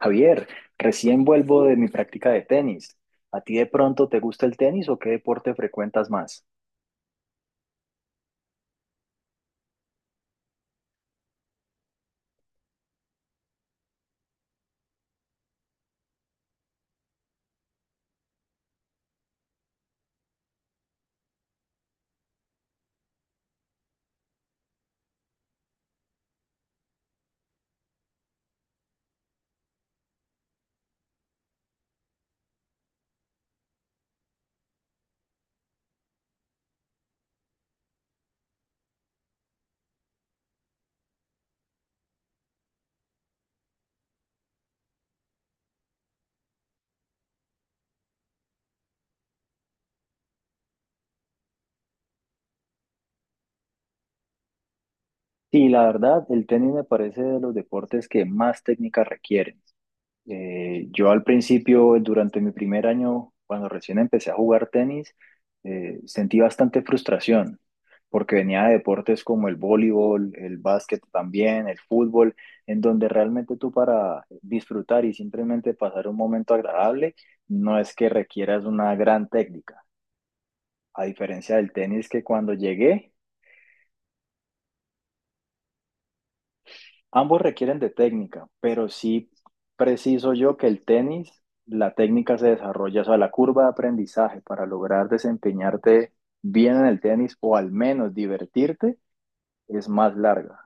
Javier, recién vuelvo de mi práctica de tenis. ¿A ti de pronto te gusta el tenis o qué deporte frecuentas más? Sí, la verdad, el tenis me parece de los deportes que más técnica requieren. Yo al principio, durante mi primer año, cuando recién empecé a jugar tenis, sentí bastante frustración, porque venía de deportes como el voleibol, el básquet también, el fútbol, en donde realmente tú para disfrutar y simplemente pasar un momento agradable, no es que requieras una gran técnica, a diferencia del tenis que cuando llegué. Ambos requieren de técnica, pero sí preciso yo que el tenis, la técnica se desarrolla, o sea, la curva de aprendizaje para lograr desempeñarte bien en el tenis o al menos divertirte es más larga.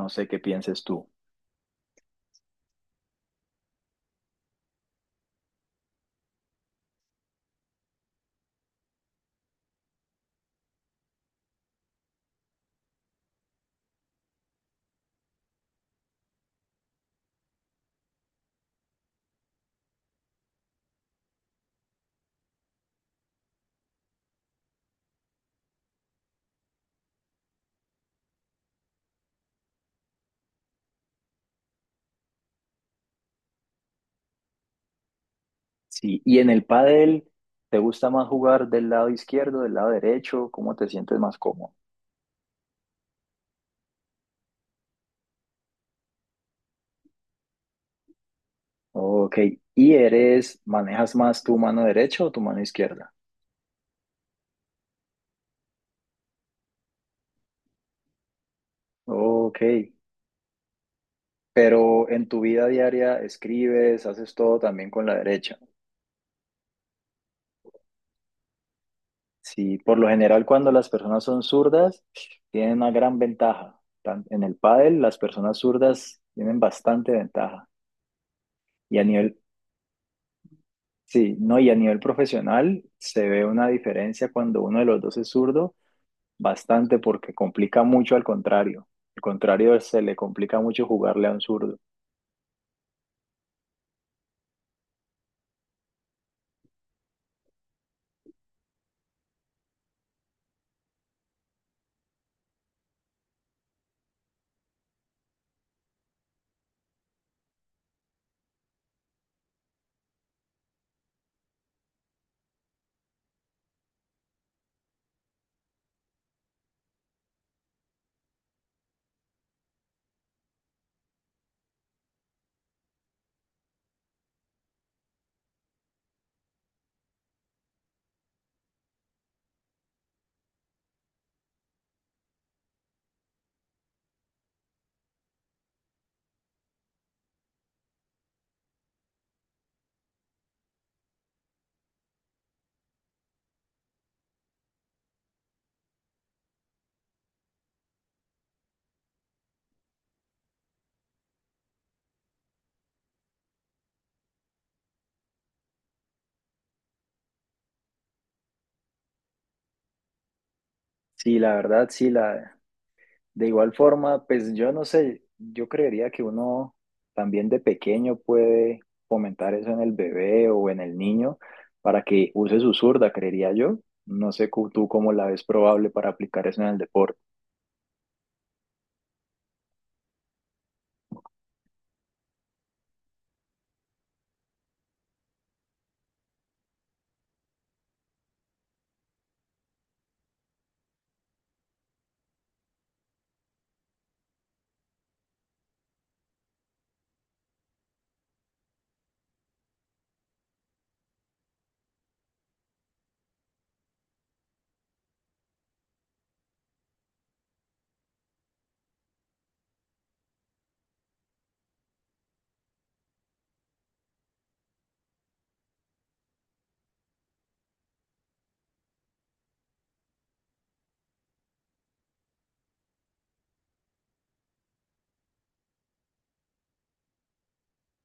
No sé qué pienses tú. Sí, y en el pádel, ¿te gusta más jugar del lado izquierdo, del lado derecho? ¿Cómo te sientes más cómodo? Ok, ¿y eres, manejas más tu mano derecha o tu mano izquierda? Ok. Pero en tu vida diaria escribes, haces todo también con la derecha. Sí, por lo general cuando las personas son zurdas tienen una gran ventaja. En el pádel las personas zurdas tienen bastante ventaja. Y a nivel, sí, no, y a nivel profesional se ve una diferencia cuando uno de los dos es zurdo, bastante porque complica mucho al contrario. Al contrario, se le complica mucho jugarle a un zurdo. Sí, la verdad, de igual forma, pues yo no sé, yo creería que uno también de pequeño puede fomentar eso en el bebé o en el niño para que use su zurda, creería yo. No sé tú cómo la ves probable para aplicar eso en el deporte.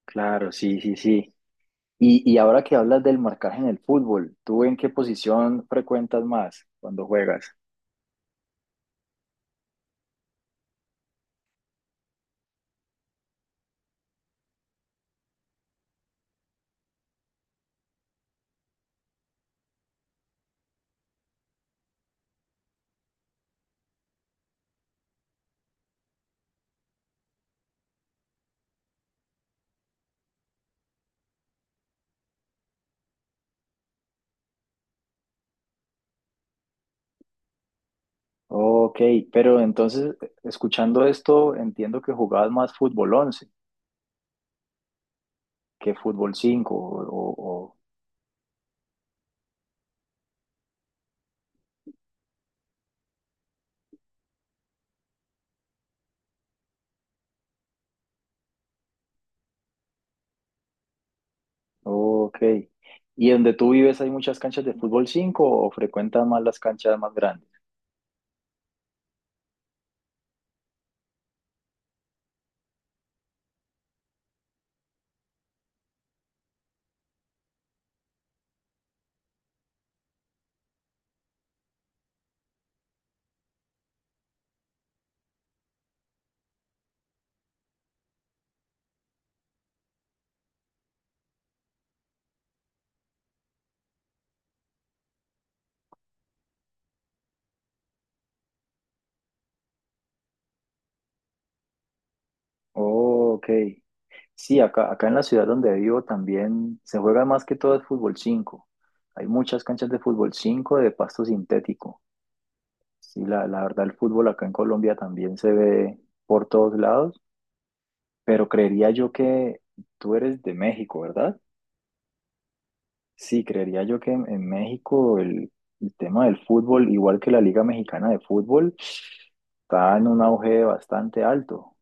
Claro, sí, sí, sí. Y ahora que hablas del marcaje en el fútbol, ¿tú en qué posición frecuentas más cuando juegas? Ok, pero entonces, escuchando esto, entiendo que jugabas más fútbol 11 que fútbol 5 o- Ok. ¿Y donde tú vives hay muchas canchas de fútbol 5 o frecuentas más las canchas más grandes? Ok. Sí, acá en la ciudad donde vivo también se juega más que todo el fútbol 5. Hay muchas canchas de fútbol 5 de pasto sintético. Sí, la verdad el fútbol acá en Colombia también se ve por todos lados, pero creería yo que tú eres de México, ¿verdad? Sí, creería yo que en México el tema del fútbol, igual que la Liga Mexicana de Fútbol, está en un auge bastante alto.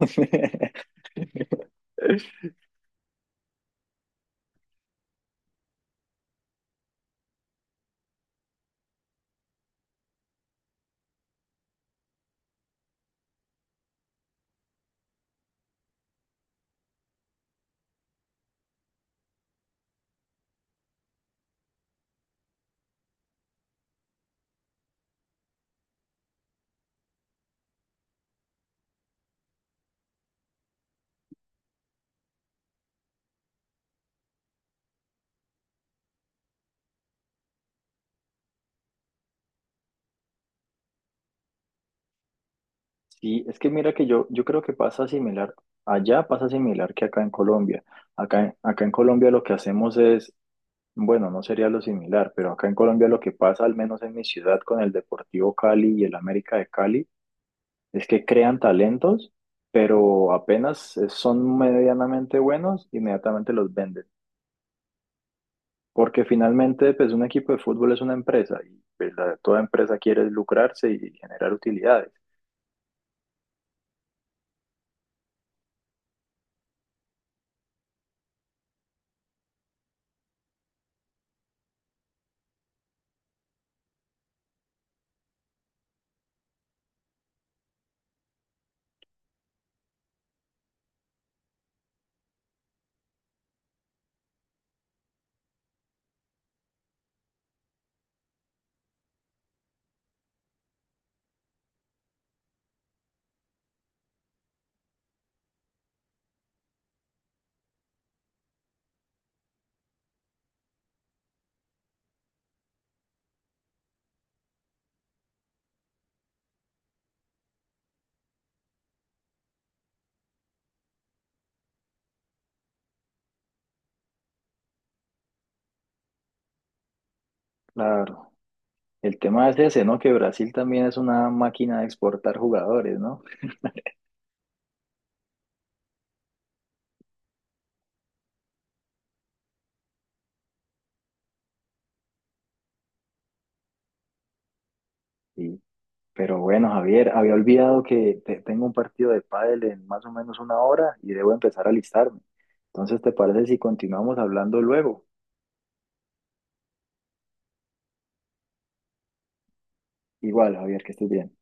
Sí, es que mira que yo creo que pasa similar, allá pasa similar que acá en Colombia. Acá, acá en Colombia lo que hacemos es, bueno, no sería lo similar, pero acá en Colombia lo que pasa, al menos en mi ciudad, con el Deportivo Cali y el América de Cali, es que crean talentos, pero apenas son medianamente buenos, inmediatamente los venden. Porque finalmente, pues un equipo de fútbol es una empresa y pues, toda empresa quiere lucrarse y generar utilidades. Claro. El tema es ese, ¿no? Que Brasil también es una máquina de exportar jugadores, ¿no? Y, pero bueno, Javier, había olvidado que tengo un partido de pádel en más o menos una hora y debo empezar a alistarme. Entonces, ¿te parece si continuamos hablando luego? Igual, Javier, que estés bien.